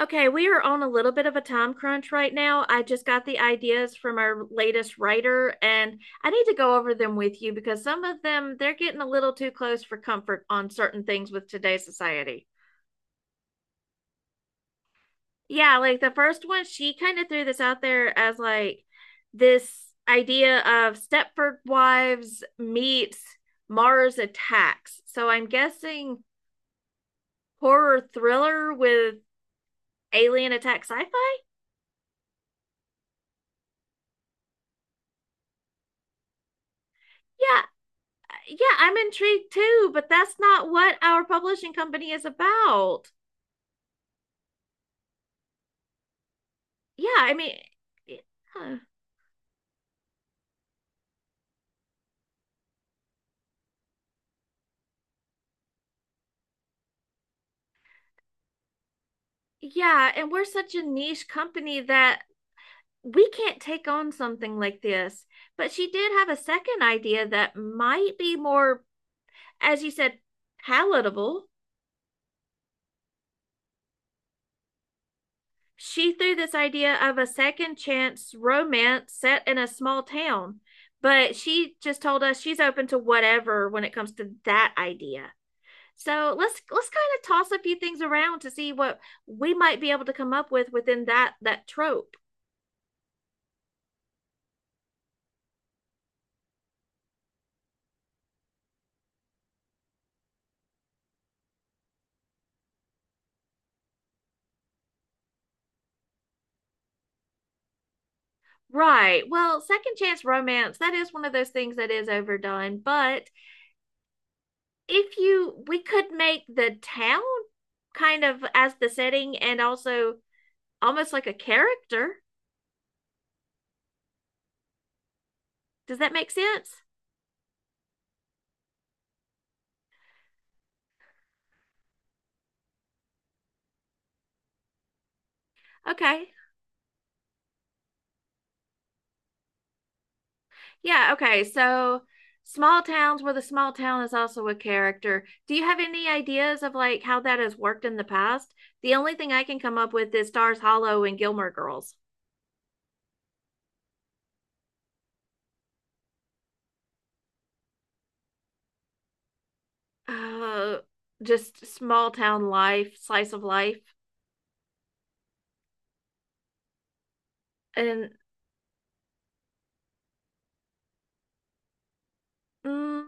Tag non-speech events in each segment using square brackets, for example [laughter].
Okay, we are on a little bit of a time crunch right now. I just got the ideas from our latest writer, and I need to go over them with you because some of them they're getting a little too close for comfort on certain things with today's society. Yeah, like the first one, she kind of threw this out there as like this idea of Stepford Wives meets Mars Attacks. So I'm guessing horror thriller with alien attack sci-fi? Yeah, yeah, I'm intrigued too, but that's not what our publishing company is about. Yeah, I mean, yeah, yeah, and we're such a niche company that we can't take on something like this. But she did have a second idea that might be more, as you said, palatable. She threw this idea of a second chance romance set in a small town, but she just told us she's open to whatever when it comes to that idea. So let's kind of toss a few things around to see what we might be able to come up with within that trope. Right. Well, second chance romance, that is one of those things that is overdone, but if you we could make the town kind of as the setting and also almost like a character. Does that make sense? Okay. Yeah, okay. So small towns where the small town is also a character. Do you have any ideas of like how that has worked in the past? The only thing I can come up with is Stars Hollow and Gilmore Girls. Uh, just small town life, slice of life. And mm,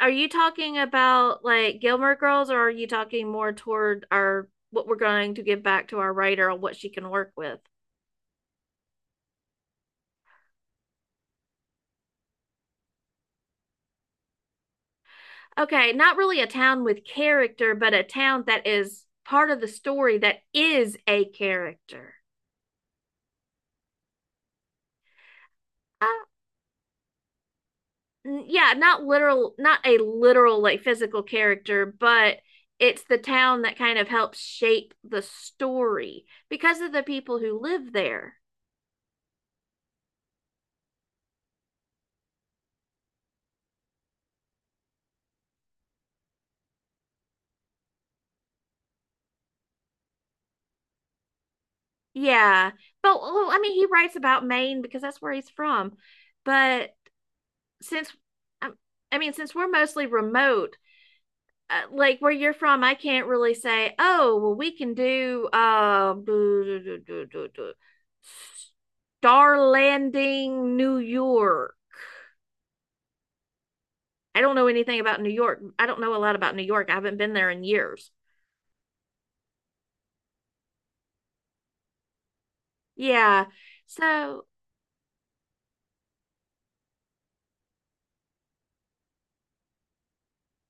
are you talking about like Gilmore Girls or are you talking more toward our what we're going to give back to our writer on what she can work with? Okay, not really a town with character, but a town that is part of the story that is a character. Uh, yeah, not a literal like physical character, but it's the town that kind of helps shape the story because of the people who live there. Yeah, but well, I mean, he writes about Maine because that's where he's from. But since, um, I mean, since we're mostly remote, like where you're from, I can't really say, oh, well, we can do Star Landing, New York. I don't know anything about New York. I don't know a lot about New York. I haven't been there in years. Yeah. So,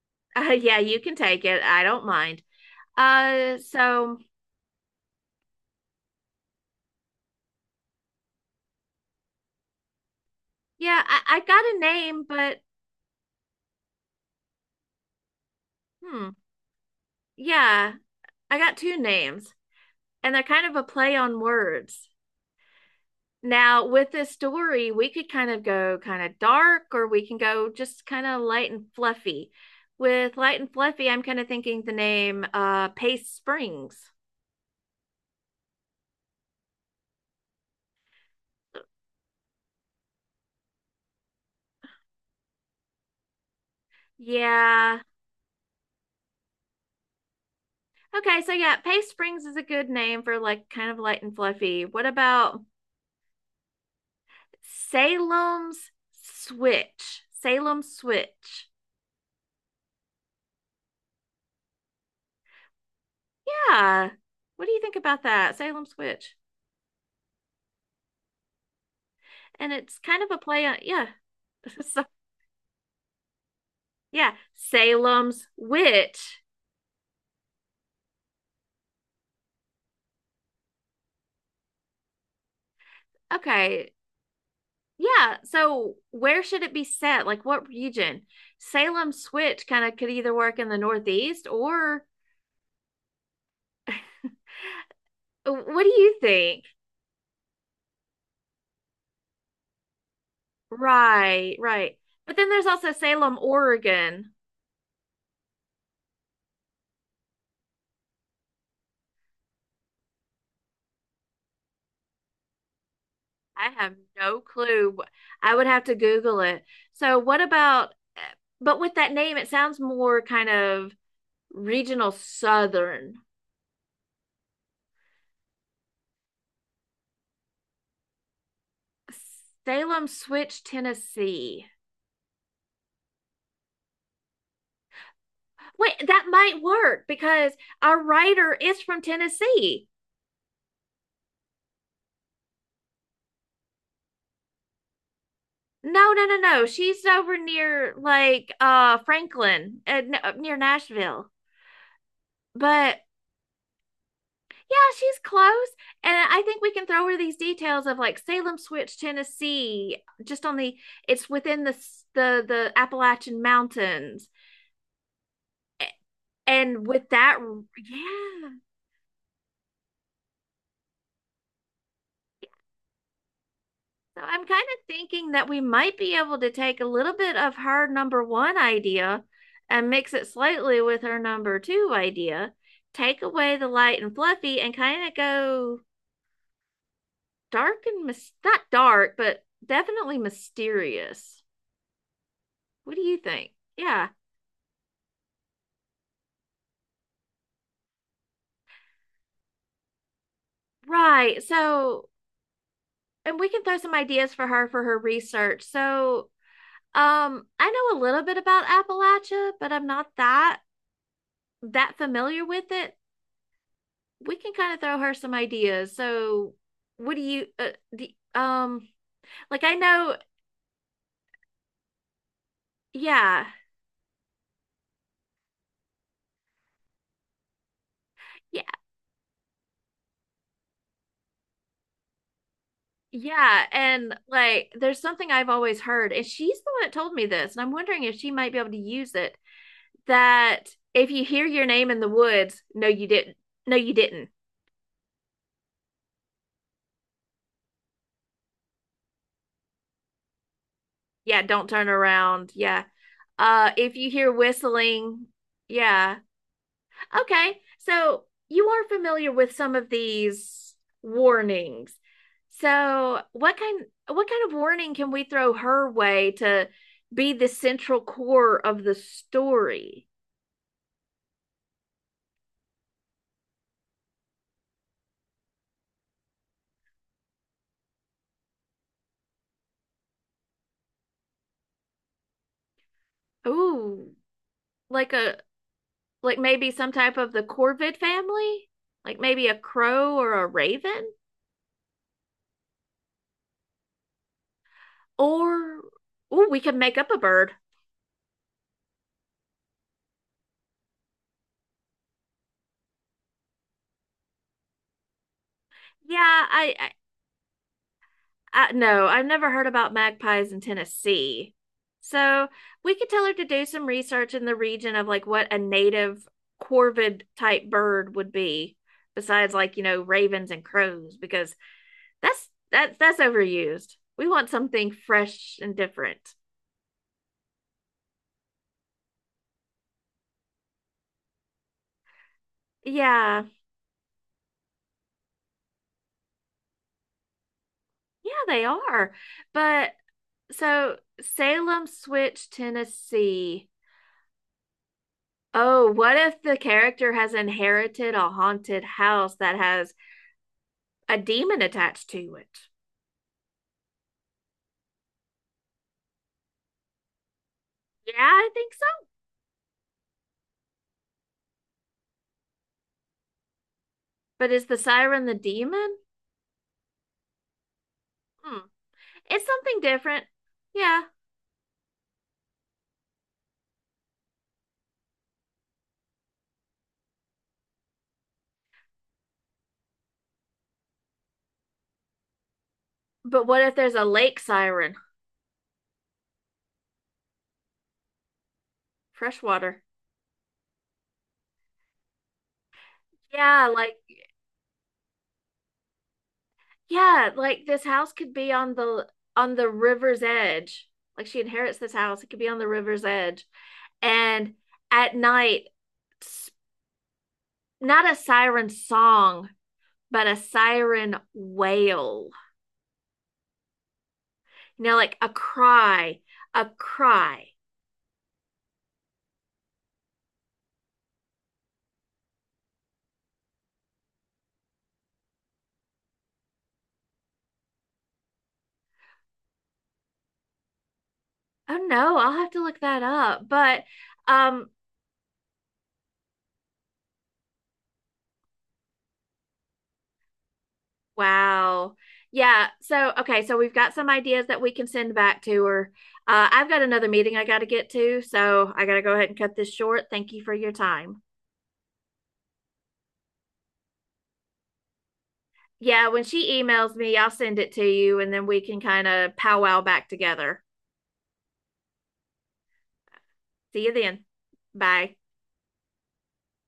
[laughs] yeah, you can take it. I don't mind. So yeah, I got a name, but hmm, yeah, I got two names, and they're kind of a play on words. Now, with this story, we could kind of go kind of dark or we can go just kind of light and fluffy. With light and fluffy, I'm kind of thinking the name Pace Springs. Yeah. Okay, so yeah, Pace Springs is a good name for like kind of light and fluffy. What about Salem's Switch? Salem Switch. Yeah. What do you think about that? Salem Switch. And it's kind of a play on yeah. [laughs] So, yeah, Salem's Witch. Okay, yeah. So where should it be set? Like what region? Salem Switch kind of could either work in the Northeast, or [laughs] what do you think? Right, right. But then there's also Salem, Oregon. I have no clue. I would have to Google it. So what about, but with that name, it sounds more kind of regional Southern. Salem Switch, Tennessee. Wait, that might work because our writer is from Tennessee. No, no, no, no. She's over near like Franklin, up near Nashville. But yeah, she's close, and I think we can throw her these details of like Salem Switch, Tennessee, just on the it's within the s- the Appalachian Mountains. A- And with that, yeah. So I'm kind of thinking that we might be able to take a little bit of her number one idea and mix it slightly with her number two idea. Take away the light and fluffy and kind of go dark and mis not dark, but definitely mysterious. What do you think? Yeah, right. So, and we can throw some ideas for her research. So, I know a little bit about Appalachia, but I'm not that familiar with it. We can kind of throw her some ideas. So, what do you, do, um, like I know, yeah, yeah, yeah, and like there's something I've always heard, and she's the one that told me this, and I'm wondering if she might be able to use it. That if you hear your name in the woods, no, you didn't. No, you didn't. Yeah, don't turn around. Yeah. If you hear whistling, yeah. Okay, so you are familiar with some of these warnings. So, what kind of warning can we throw her way to be the central core of the story? Ooh, like a like maybe some type of the Corvid family? Like maybe a crow or a raven? Or ooh, we could make up a bird. Yeah, no, I've never heard about magpies in Tennessee. So we could tell her to do some research in the region of like what a native corvid type bird would be, besides like, ravens and crows, because that's overused. We want something fresh and different. Yeah, yeah, they are. But so Salem Switch, Tennessee. Oh, what if the character has inherited a haunted house that has a demon attached to it. Yeah, I think so. But is the siren the demon? Hmm. It's something different. Yeah. But what if there's a lake siren? Freshwater. Yeah, like yeah, like this house could be on the river's edge. Like she inherits this house, it could be on the river's edge. And at night, not a siren song, but a siren wail. You know, like a cry, a cry. Oh no, I'll have to look that up. But um wow. Yeah, so okay, so we've got some ideas that we can send back to her. I've got another meeting I got to get to, so I got to go ahead and cut this short. Thank you for your time. Yeah, when she emails me, I'll send it to you and then we can kind of powwow back together. See you then. Bye.